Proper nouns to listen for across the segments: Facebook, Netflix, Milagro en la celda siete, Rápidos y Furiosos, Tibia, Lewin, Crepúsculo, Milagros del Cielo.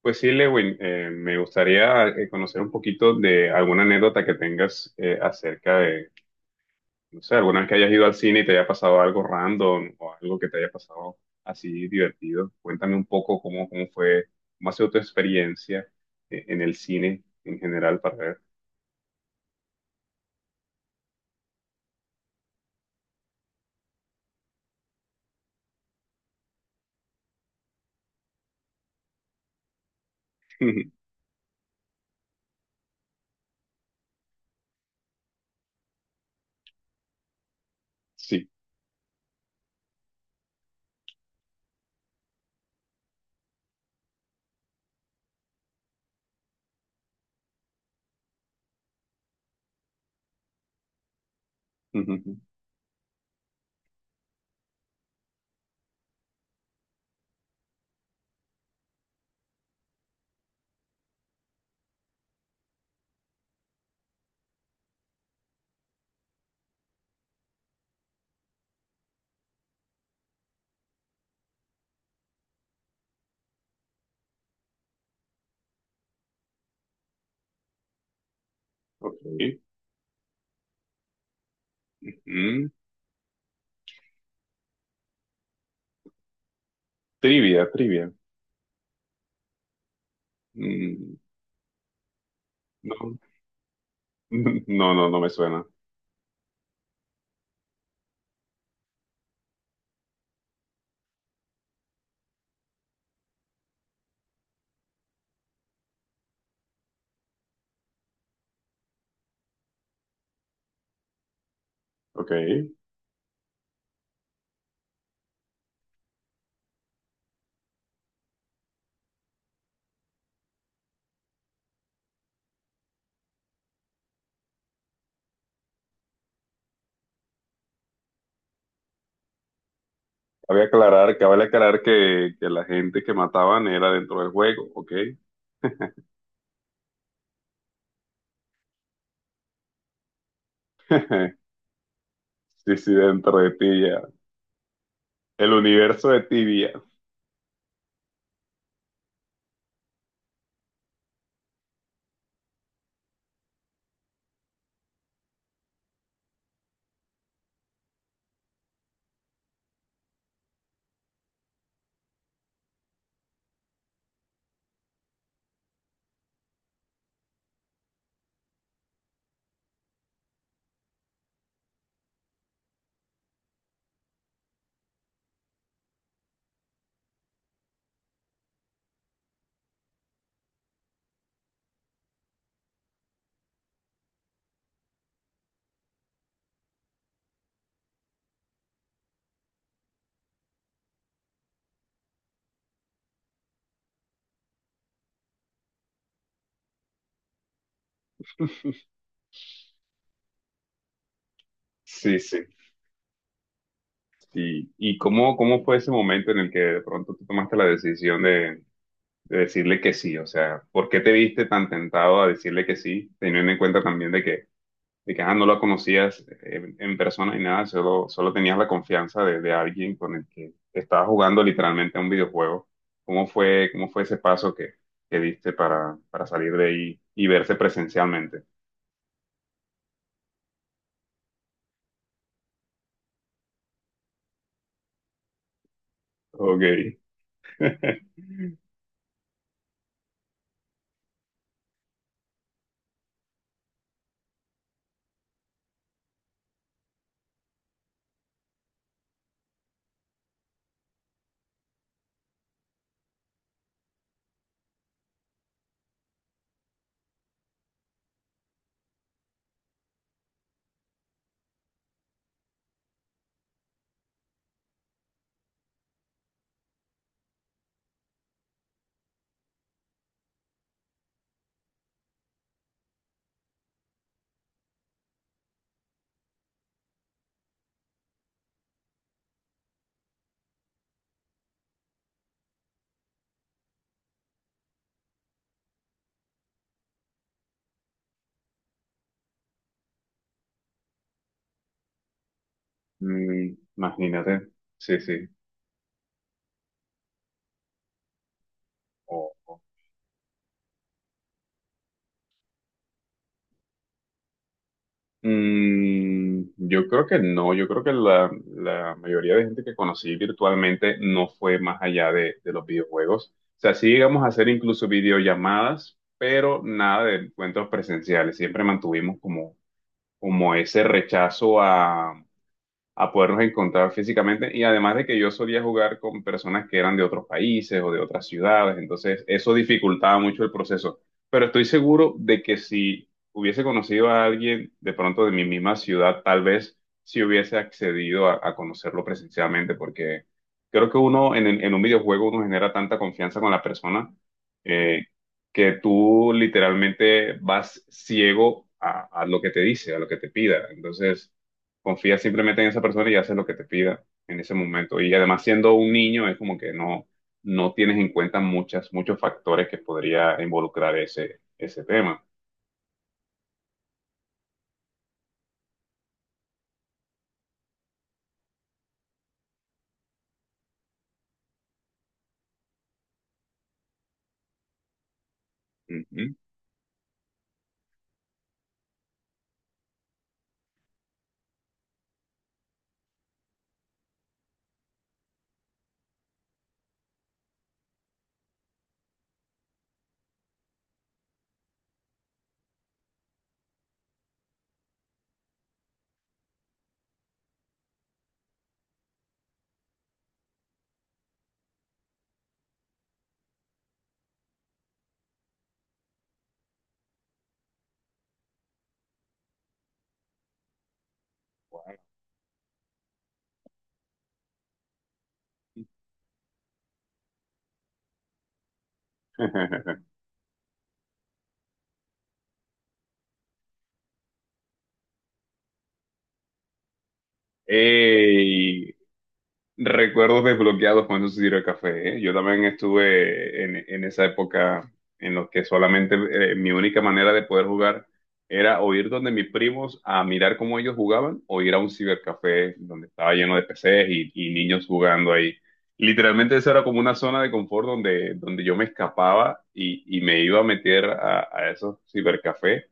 Pues sí, Lewin, me gustaría conocer un poquito de alguna anécdota que tengas acerca de, no sé, alguna vez que hayas ido al cine y te haya pasado algo random o algo que te haya pasado así divertido. Cuéntame un poco cómo fue, cómo ha sido tu experiencia en el cine en general para ver. Sí. Ujú. Ok. Mm, trivia, trivia. Mm, no, no, no, no me suena. Ok. Cabe aclarar que la gente que mataban era dentro del juego, ¿ok? Sí, sí, dentro de Tibia. El universo de Tibia. Sí, sí. Sí. ¿Y cómo fue ese momento en el que de pronto tú tomaste la decisión de decirle que sí? O sea, ¿por qué te viste tan tentado a decirle que sí, teniendo en cuenta también de que no lo conocías en persona ni nada, solo tenías la confianza de alguien con el que estabas jugando literalmente a un videojuego. Cómo fue ese paso que diste para salir de ahí y verse presencialmente? Ok. Imagínate, sí, sí. O- Mm, yo creo que no, yo creo que la mayoría de gente que conocí virtualmente no fue más allá de los videojuegos. O sea, sí llegamos a hacer incluso videollamadas, pero nada de encuentros presenciales. Siempre mantuvimos como ese rechazo a podernos encontrar físicamente. Y además de que yo solía jugar con personas que eran de otros países o de otras ciudades, entonces eso dificultaba mucho el proceso. Pero estoy seguro de que si hubiese conocido a alguien de pronto de mi misma ciudad, tal vez si hubiese accedido a conocerlo presencialmente, porque creo que uno en un videojuego uno genera tanta confianza con la persona. eh, que tú literalmente vas ciego a lo que te dice, a lo que te pida. Entonces, confía simplemente en esa persona y haces lo que te pida en ese momento. Y además, siendo un niño, es como que no tienes en cuenta muchos factores que podría involucrar ese tema. Ujú. ¡Ey! Recuerdos desbloqueados con esos tiro de café, ¿eh? Yo también estuve en esa época en los que solamente mi única manera de poder jugar era o ir donde mis primos a mirar cómo ellos jugaban o ir a un cibercafé donde estaba lleno de PCs y niños jugando ahí. Literalmente esa era como una zona de confort donde yo me escapaba y me iba a meter a esos cibercafés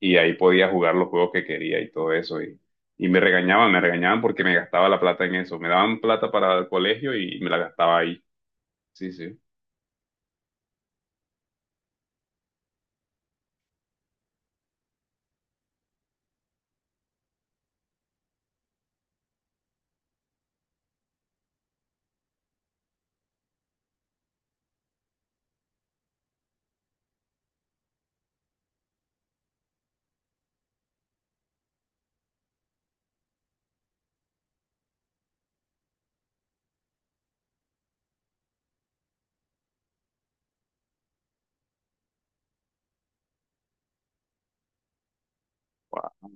y ahí podía jugar los juegos que quería y todo eso. Y me regañaban porque me gastaba la plata en eso. Me daban plata para el colegio y me la gastaba ahí. Sí, sí. Guau.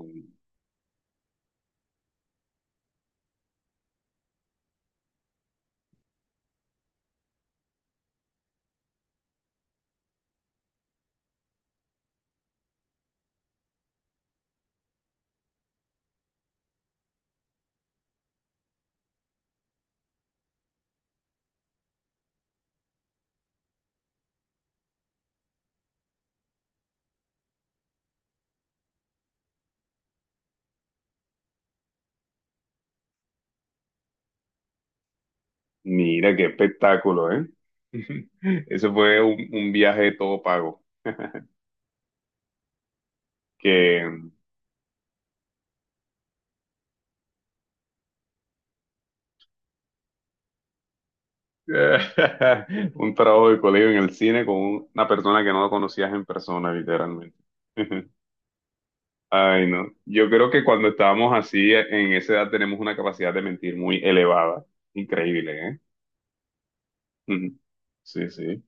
Mira qué espectáculo, ¿eh? Eso fue un viaje todo pago. Que un trabajo de colegio en el cine con una persona que no lo conocías en persona, literalmente. Ay, no. Yo creo que cuando estábamos así, en esa edad tenemos una capacidad de mentir muy elevada. Increíble, ¿eh? Ujú. Sí, sí.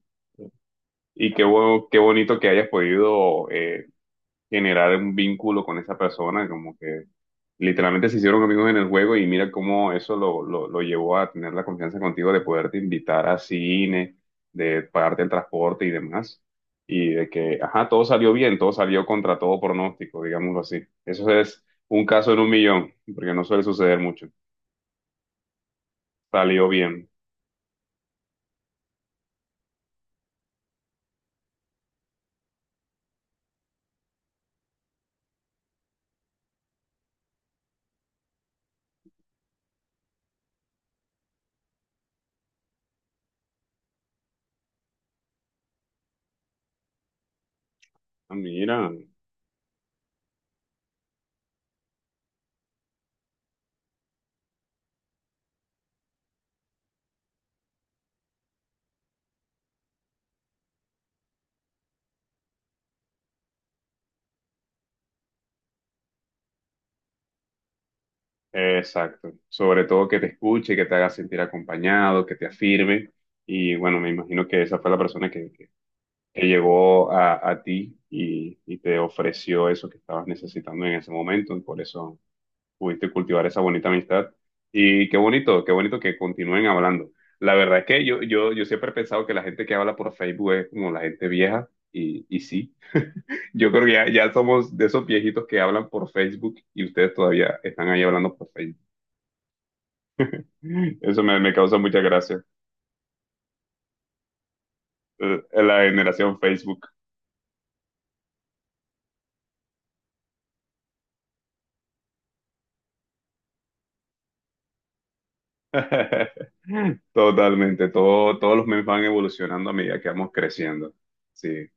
Y qué bueno, qué bonito que hayas podido generar un vínculo con esa persona, como que literalmente se hicieron amigos en el juego y mira cómo eso lo llevó a tener la confianza contigo de poderte invitar a cine, de pagarte el transporte y demás. Y de que, ajá, todo salió bien, todo salió contra todo pronóstico, digámoslo así. Eso es un caso en un millón, porque no suele suceder mucho. Salió bien. Ah, mira. Exacto. Sobre todo que te escuche, que te haga sentir acompañado, que te afirme. Y bueno, me imagino que esa fue la persona que llegó a ti y te ofreció eso que estabas necesitando en ese momento. Y por eso pudiste cultivar esa bonita amistad. Y qué bonito que continúen hablando. La verdad es que yo siempre he pensado que la gente que habla por Facebook es como la gente vieja. Y sí, yo creo que ya somos de esos viejitos que hablan por Facebook y ustedes todavía están ahí hablando por Facebook. Eso me causa mucha gracia. La generación Facebook. Totalmente. Todo, todos los memes van evolucionando a medida que vamos creciendo. Sí.